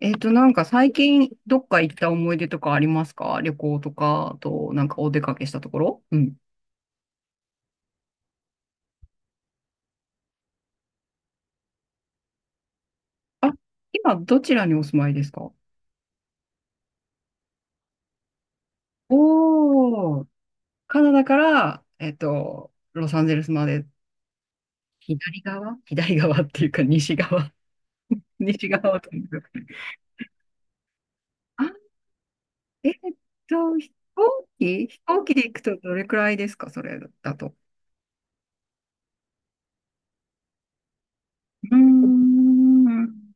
なんか最近どっか行った思い出とかありますか？旅行とか、あと、なんかお出かけしたところ。うん。あ、今どちらにお住まいですか？おー、カナダから、ロサンゼルスまで。左側っていうか西側。西側というか。あ、えっ飛行機で行くとどれくらいですか？それだと。うーん、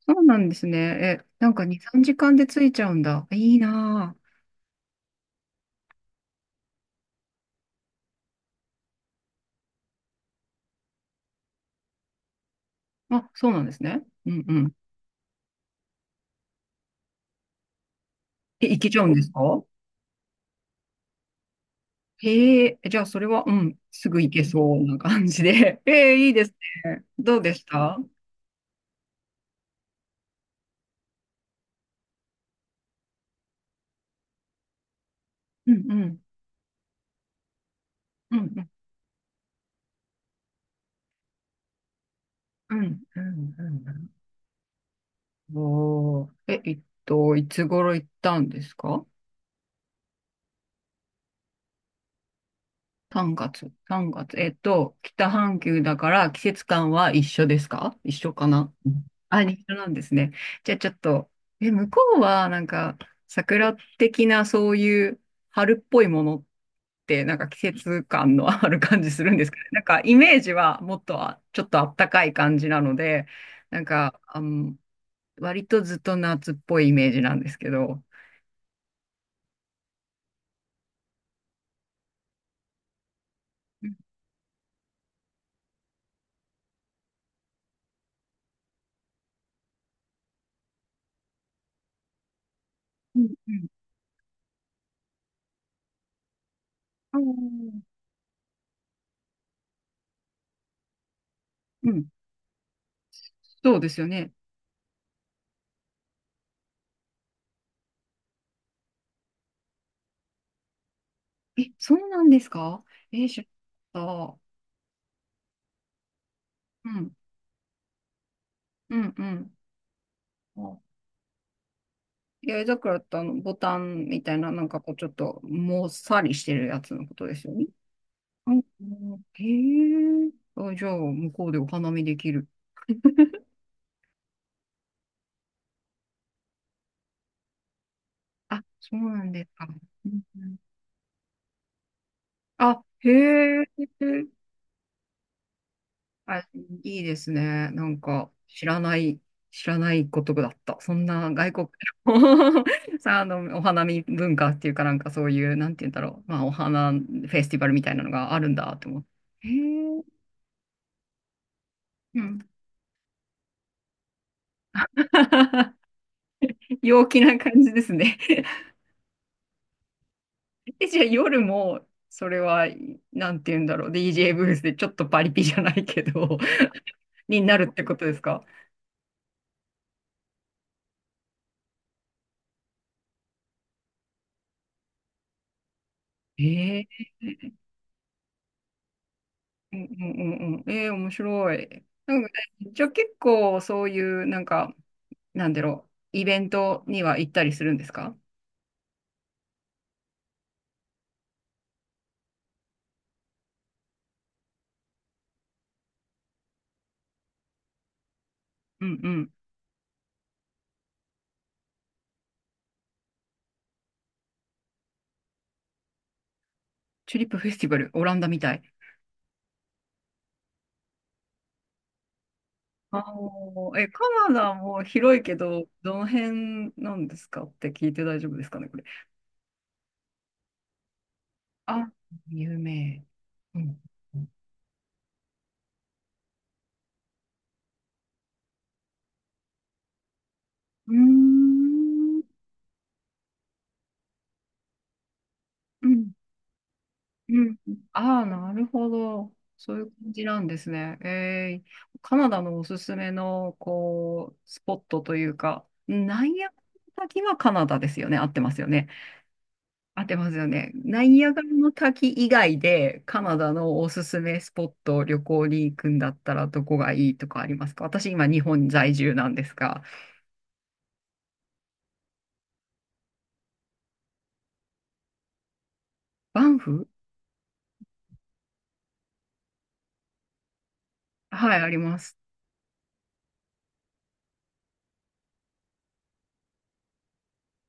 そうなんですね。え、なんか2、3時間で着いちゃうんだ。いいなあ、そうなんですね。うんうん。え、行けちゃうんですか？へえ、じゃあそれは、うん、すぐ行けそうな感じで。ええ、いいですね。どうでした？うんうん。うんうん。うんうんうんうん。おー。え、いつ頃行ったんですか？3月、3月。北半球だから季節感は一緒ですか？一緒かな。うん。あ、一緒なんですね。じゃあちょっと、え、向こうはなんか桜的なそういう春っぽいものってなんか季節感のある感じするんですかね。なんかイメージはもっとあちょっとあったかい感じなので、なんか、割とずっと夏っぽいイメージなんですけど。うんうんうん。うん、そうですよね。え、そうなんですか？えー、知らなかった。うん、うん、うん。あ、八重桜ってボタンみたいな、なんかこう、ちょっと、もっさりしてるやつのことですよね？うんうんへえ。あ、じゃあ、向こうでお花見できる。あ、そうなんですか。うんうん。あ、へえ。あ、いいですね。なんか、知らないことだった。そんな外国の さ、お花見文化っていうかなんかそういう、なんて言うんだろう。まあ、お花フェスティバルみたいなのがあるんだと思って。へえ、うん。陽気な感じですね。え、じゃあ夜も、それは、なんて言うんだろう。DJ ブースでちょっとパリピじゃないけど、になるってことですか？へ。うんうんうんうん。えー、面白い。なんかね、じゃあ結構そういう、なんか、なんだろう、イベントには行ったりするんですか？うんうん。チューリップフェスティバル、オランダみたい。ああ、え、カナダも広いけど、どの辺なんですかって聞いて大丈夫ですかね、これ。あ、有名。うん。うーん。うんうん。ああ、なるほど。そういう感じなんですね。えー、カナダのおすすめの、こう、スポットというか、ナイアガラの滝はカナダですよね？合ってますよね。合ってますよね？ナイアガラの滝以外で、カナダのおすすめスポット、旅行に行くんだったら、どこがいいとかありますか？私、今、日本在住なんですが。バンフ。はい、あります。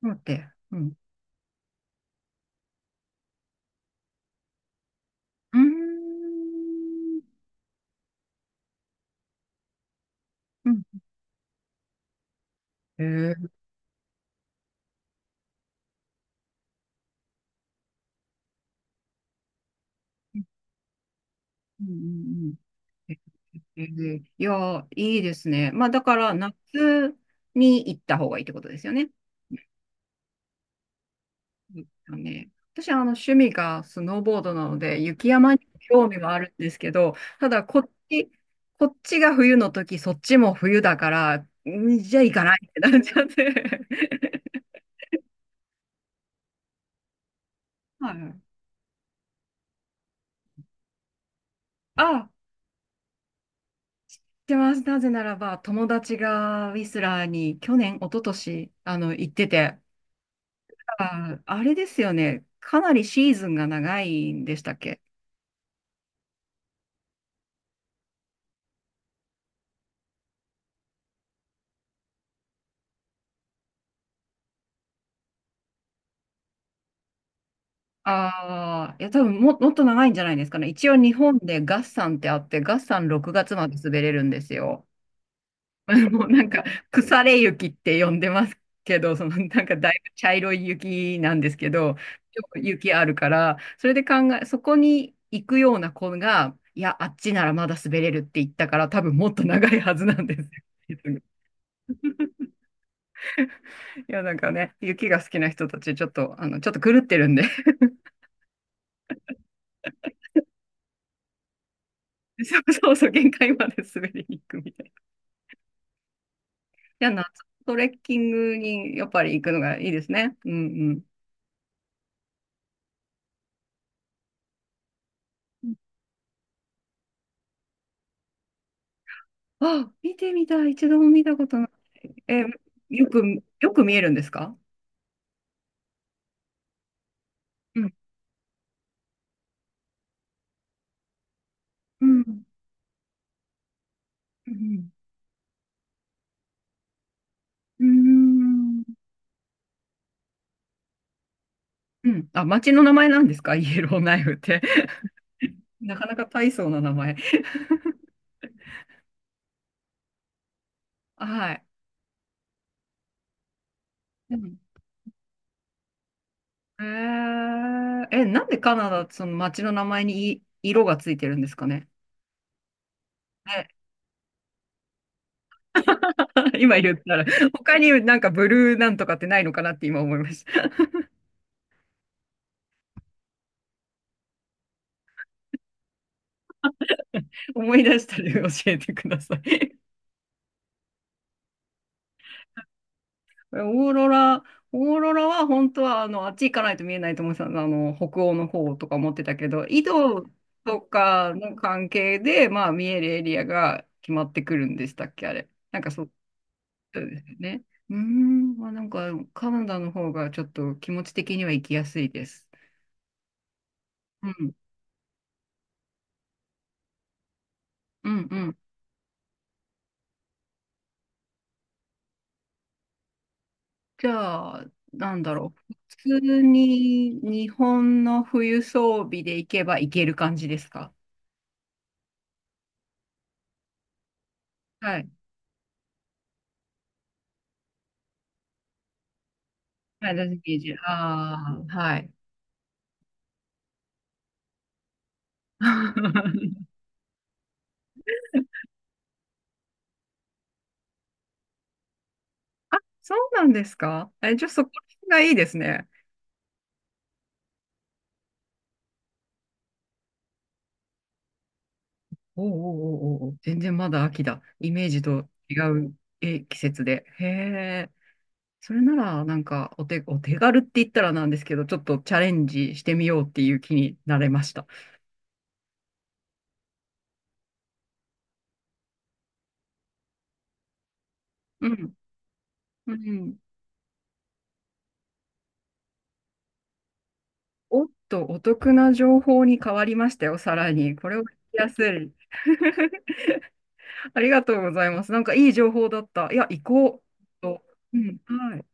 待って。うん。うーん。うん。えー。うんうんうん。えーいやー、いいですね。まあ、だから、夏に行った方がいいってことですよね。そうですよね。私はあの趣味がスノーボードなので、雪山に興味があるんですけど、ただこっちが冬の時、そっちも冬だから、んじゃあ行かないってなっちゃって。はい。あ、知ってます。なぜならば、友達がウィスラーに去年、一昨年行ってて、あ、あれですよね。かなりシーズンが長いんでしたっけ？ああ、いや、多分もっと長いんじゃないですかね。一応日本で月山ってあって、月山6月まで滑れるんですよ。もうなんか、腐れ雪って呼んでますけど、そのなんかだいぶ茶色い雪なんですけど、よく雪あるから、それで考え、そこに行くような子が、いや、あっちならまだ滑れるって言ったから、多分もっと長いはずなんですよ。いや、なんかね、雪が好きな人たち、ちょっと、あの、ちょっと狂ってるんで、そうそうそう、限界まで滑りに行くみたいな。じゃあ、夏トレッキングにやっぱり行くのがいいですね。うんうん。あ、見てみたい。一度も見たことない。え、よく、よく見えるんですか？うん。うん。うん。うん。うん。あ、町の名前なんですか？イエローナイフって。なかなか大層な名前。はい。うん。えー、え、なんでカナダ、その町の名前にい色がついてるんですかね。ね。 今言ったら、他になんかブルーなんとかってないのかなって今思いました。思い出したら教えてください。オーロラ、オーロラは本当はあのあっち行かないと見えないと思ってたの、あの北欧の方とか思ってたけど、緯度とかの関係で、まあ、見えるエリアが決まってくるんでしたっけ、あれ。なんかそう。そうですよね。うーん、まあ、なんかカナダの方がちょっと気持ち的には行きやすいです。うん、うん、うん。じゃあ、なんだろう。普通に日本の冬装備で行けば行ける感じですか？はい。はい、ラズゲージ。ああ、はい。あ、そうなんですか？え、じゃあそこがいいですね。おうおうおうおうおう、全然まだ秋だ。イメージと違う。え、季節で。へえ。それなら、なんか、お手軽って言ったらなんですけど、ちょっとチャレンジしてみようっていう気になれました。うん。うん。おっと、お得な情報に変わりましたよ、さらに。これを聞きやすい。ありがとうございます。なんかいい情報だった。いや、行こう。と。うん、はい。